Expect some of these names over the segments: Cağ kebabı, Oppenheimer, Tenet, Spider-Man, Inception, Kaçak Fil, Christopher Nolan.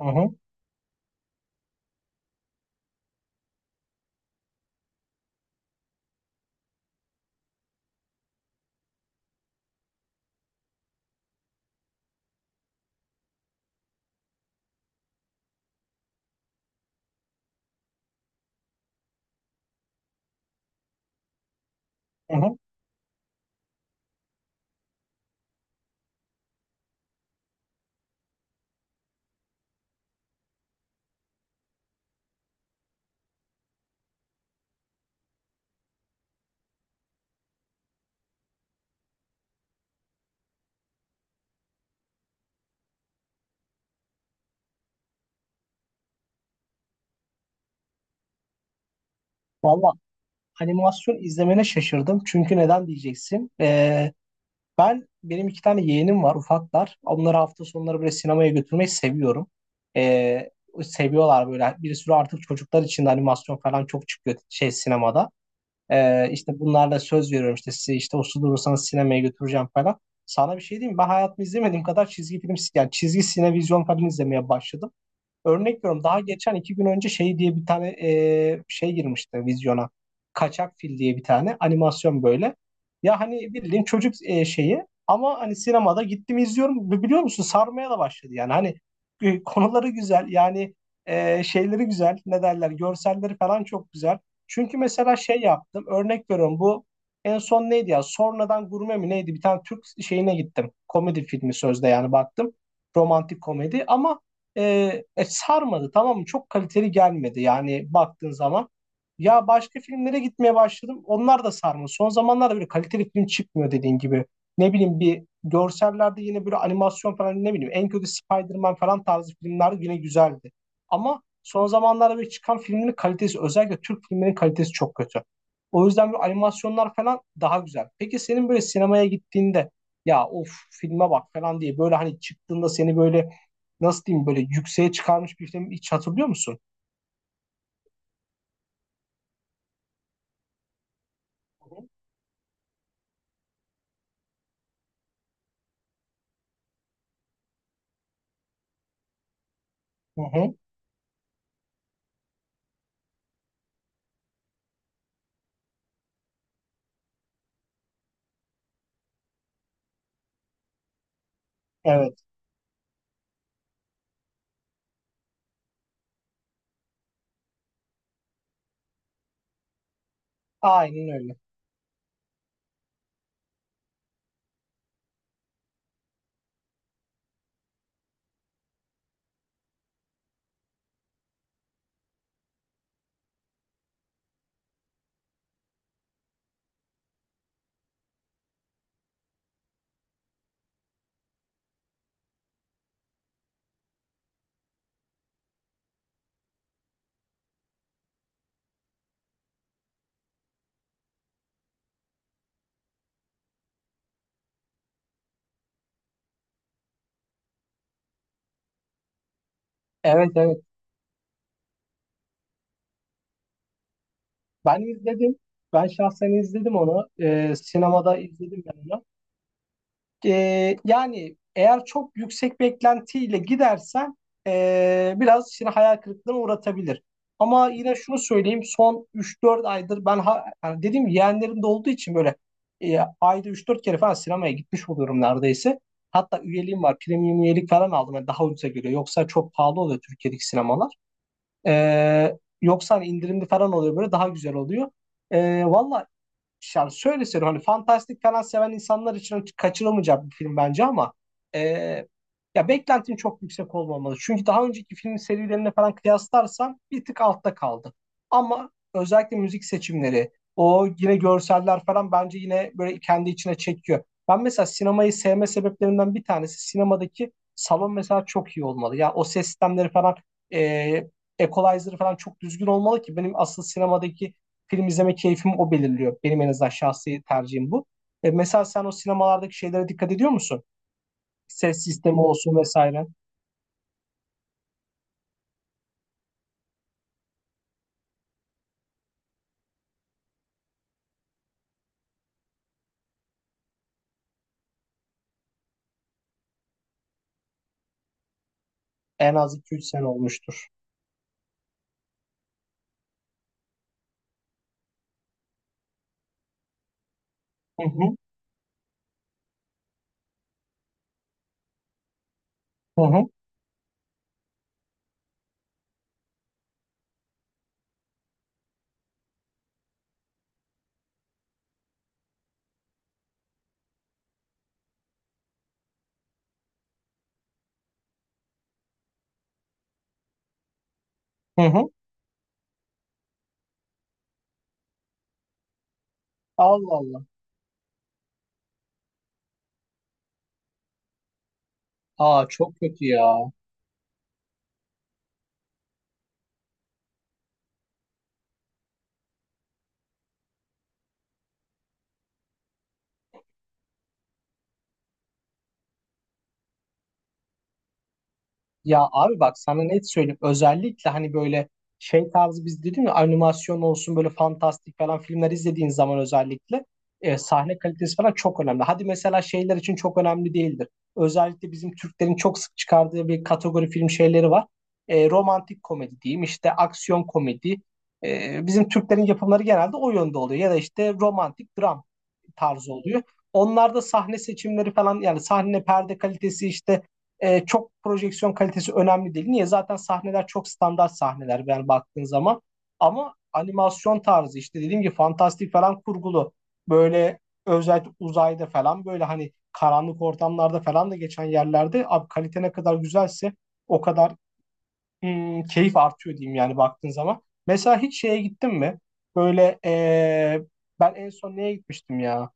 Hı hı, hı hı. Valla animasyon izlemene şaşırdım. Çünkü neden diyeceksin? Benim iki tane yeğenim var ufaklar. Onları hafta sonları böyle sinemaya götürmeyi seviyorum. Ee, Seviyorlar böyle. Bir sürü artık çocuklar için de animasyon falan çok çıkıyor şey sinemada. İşte bunlarla söz veriyorum işte size işte uslu durursanız sinemaya götüreceğim falan. Sana bir şey diyeyim mi? Ben hayatımda izlemediğim kadar çizgi film yani çizgi sinevizyon falan izlemeye başladım. Örnek veriyorum daha geçen iki gün önce şey diye bir tane şey girmişti vizyona. Kaçak Fil diye bir tane animasyon böyle. Ya hani bildiğin çocuk şeyi ama hani sinemada gittim izliyorum ve biliyor musun sarmaya da başladı yani hani konuları güzel yani şeyleri güzel ne derler görselleri falan çok güzel. Çünkü mesela şey yaptım örnek veriyorum bu en son neydi ya sonradan gurme mi neydi bir tane Türk şeyine gittim komedi filmi sözde yani baktım romantik komedi ama e, sarmadı tamam mı? Çok kaliteli gelmedi yani baktığın zaman. Ya başka filmlere gitmeye başladım. Onlar da sarmadı. Son zamanlarda böyle kaliteli film çıkmıyor dediğin gibi. Ne bileyim bir görsellerde yine böyle animasyon falan ne bileyim en kötü Spider-Man falan tarzı filmler yine güzeldi. Ama son zamanlarda böyle çıkan filmlerin kalitesi özellikle Türk filmlerin kalitesi çok kötü. O yüzden böyle animasyonlar falan daha güzel. Peki senin böyle sinemaya gittiğinde ya of filme bak falan diye böyle hani çıktığında seni böyle nasıl diyeyim böyle yükseğe çıkarmış bir filmi hiç hatırlıyor musun? Hı hı. Evet. Aynen öyle. Evet evet. Ben izledim. Ben şahsen izledim onu. Sinemada izledim ben onu. Yani eğer çok yüksek beklentiyle gidersen biraz seni hayal kırıklığına uğratabilir. Ama yine şunu söyleyeyim son 3-4 aydır ben yani dediğim gibi yeğenlerim de olduğu için böyle ayda 3-4 kere falan sinemaya gitmiş oluyorum neredeyse. Hatta üyeliğim var. Premium üyelik falan aldım. Yani daha ucuza geliyor. Yoksa çok pahalı oluyor Türkiye'deki sinemalar. Yoksa hani indirimli falan oluyor böyle daha güzel oluyor. Valla yani şöyle söyleyeyim hani fantastik falan seven insanlar için kaçırılmayacak bir film bence ama e, ya beklentim çok yüksek olmamalı. Çünkü daha önceki film serilerine falan kıyaslarsan bir tık altta kaldı. Ama özellikle müzik seçimleri, o yine görseller falan bence yine böyle kendi içine çekiyor. Ben mesela sinemayı sevme sebeplerimden bir tanesi sinemadaki salon mesela çok iyi olmalı. Ya o ses sistemleri falan e, equalizer'ı falan çok düzgün olmalı ki benim asıl sinemadaki film izleme keyfimi o belirliyor. Benim en azından şahsi tercihim bu. Mesela sen o sinemalardaki şeylere dikkat ediyor musun? Ses sistemi olsun vesaire. En az 2-3 sene olmuştur. Hı hı, hı hı, hı hı. Allah Allah. Aa çok kötü ya. Ya abi bak sana net söyleyeyim. Özellikle hani böyle şey tarzı biz dedim ya animasyon olsun böyle fantastik falan filmler izlediğin zaman özellikle sahne kalitesi falan çok önemli. Hadi mesela şeyler için çok önemli değildir. Özellikle bizim Türklerin çok sık çıkardığı bir kategori film şeyleri var. Romantik komedi diyeyim işte aksiyon komedi. Bizim Türklerin yapımları genelde o yönde oluyor. Ya da işte romantik dram tarzı oluyor. Onlarda sahne seçimleri falan yani sahne perde kalitesi işte çok projeksiyon kalitesi önemli değil. Niye? Zaten sahneler çok standart sahneler yani baktığın zaman. Ama animasyon tarzı işte dediğim gibi fantastik falan kurgulu. Böyle özellikle uzayda falan böyle hani karanlık ortamlarda falan da geçen yerlerde abi kalite ne kadar güzelse o kadar keyif artıyor diyeyim yani baktığın zaman. Mesela hiç şeye gittin mi? Böyle ben en son neye gitmiştim ya?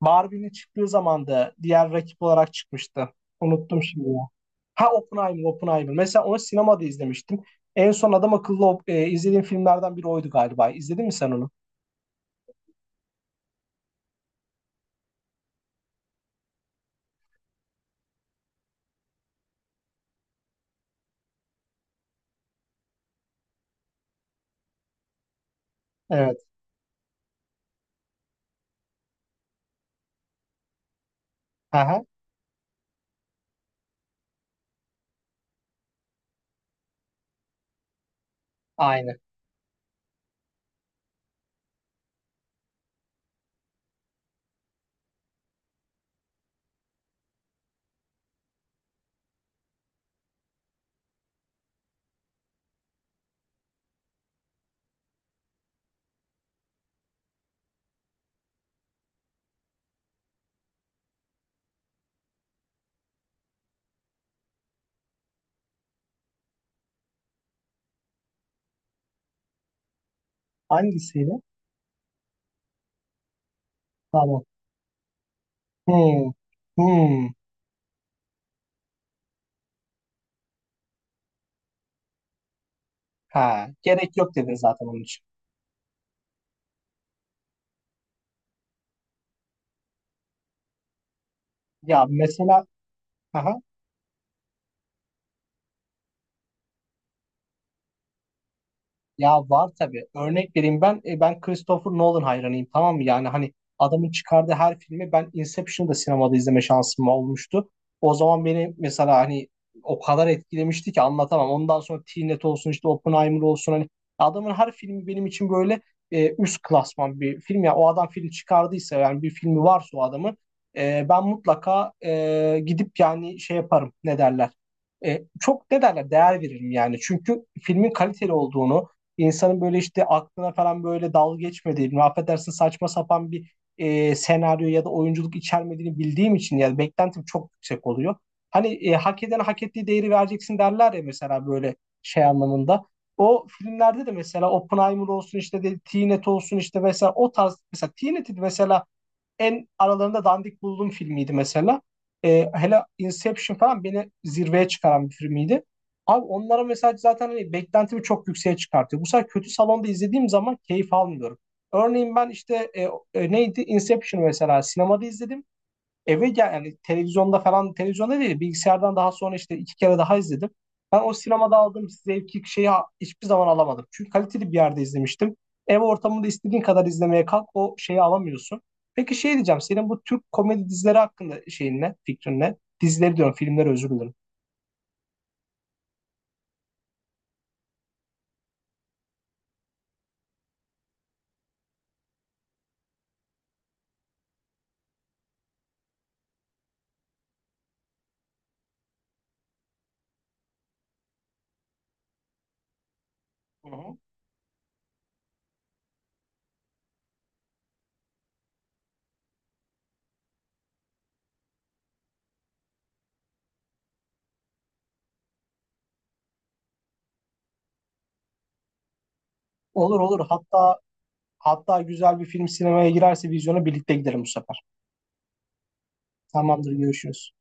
Barbie'nin çıktığı zamanda diğer rakip olarak çıkmıştı. Unuttum şimdi. Ha Oppenheimer, Oppenheimer. Mesela onu sinemada izlemiştim. En son adam akıllı izlediğim filmlerden biri oydu galiba. İzledin mi sen onu? Evet. Aha, aynı. Hangisiydi? Tamam. Hmm. Hmm. Ha, gerek yok dedin zaten onun için. Ya mesela aha, ya var tabii. Örnek vereyim ben Christopher Nolan hayranıyım tamam mı? Yani hani adamın çıkardığı her filmi ben Inception'ı da sinemada izleme şansım olmuştu. O zaman beni mesela hani o kadar etkilemişti ki anlatamam. Ondan sonra Tenet olsun işte Oppenheimer olsun hani adamın her filmi benim için böyle üst klasman bir film. Ya o adam film çıkardıysa yani bir filmi varsa o adamın ben mutlaka gidip yani şey yaparım ne derler. Çok ne derler değer veririm yani. Çünkü filmin kaliteli olduğunu insanın böyle işte aklına falan böyle dalga geçmediğini, affedersin saçma sapan bir senaryo ya da oyunculuk içermediğini bildiğim için yani beklentim çok yüksek oluyor. Hani hak eden hak ettiği değeri vereceksin derler ya mesela böyle şey anlamında. O filmlerde de mesela Oppenheimer olsun işte de, Tenet olsun işte mesela o tarz mesela Tenet'i mesela en aralarında dandik bulduğum filmiydi mesela. Hele Inception falan beni zirveye çıkaran bir filmiydi. Abi onlara mesela zaten hani beklentimi çok yükseğe çıkartıyor. Bu sefer kötü salonda izlediğim zaman keyif almıyorum. Örneğin ben işte neydi Inception mesela sinemada izledim eve gel yani televizyonda falan televizyonda değil bilgisayardan daha sonra işte iki kere daha izledim. Ben o sinemada aldığım zevki şeyi hiçbir zaman alamadım. Çünkü kaliteli bir yerde izlemiştim. Ev ortamında istediğin kadar izlemeye kalk o şeyi alamıyorsun. Peki şey diyeceğim senin bu Türk komedi dizileri hakkında şeyin ne fikrin ne? Dizileri diyorum filmleri özür dilerim. Hı hı. Olur olur hatta güzel bir film sinemaya girerse vizyona birlikte gidelim bu sefer. Tamamdır görüşürüz.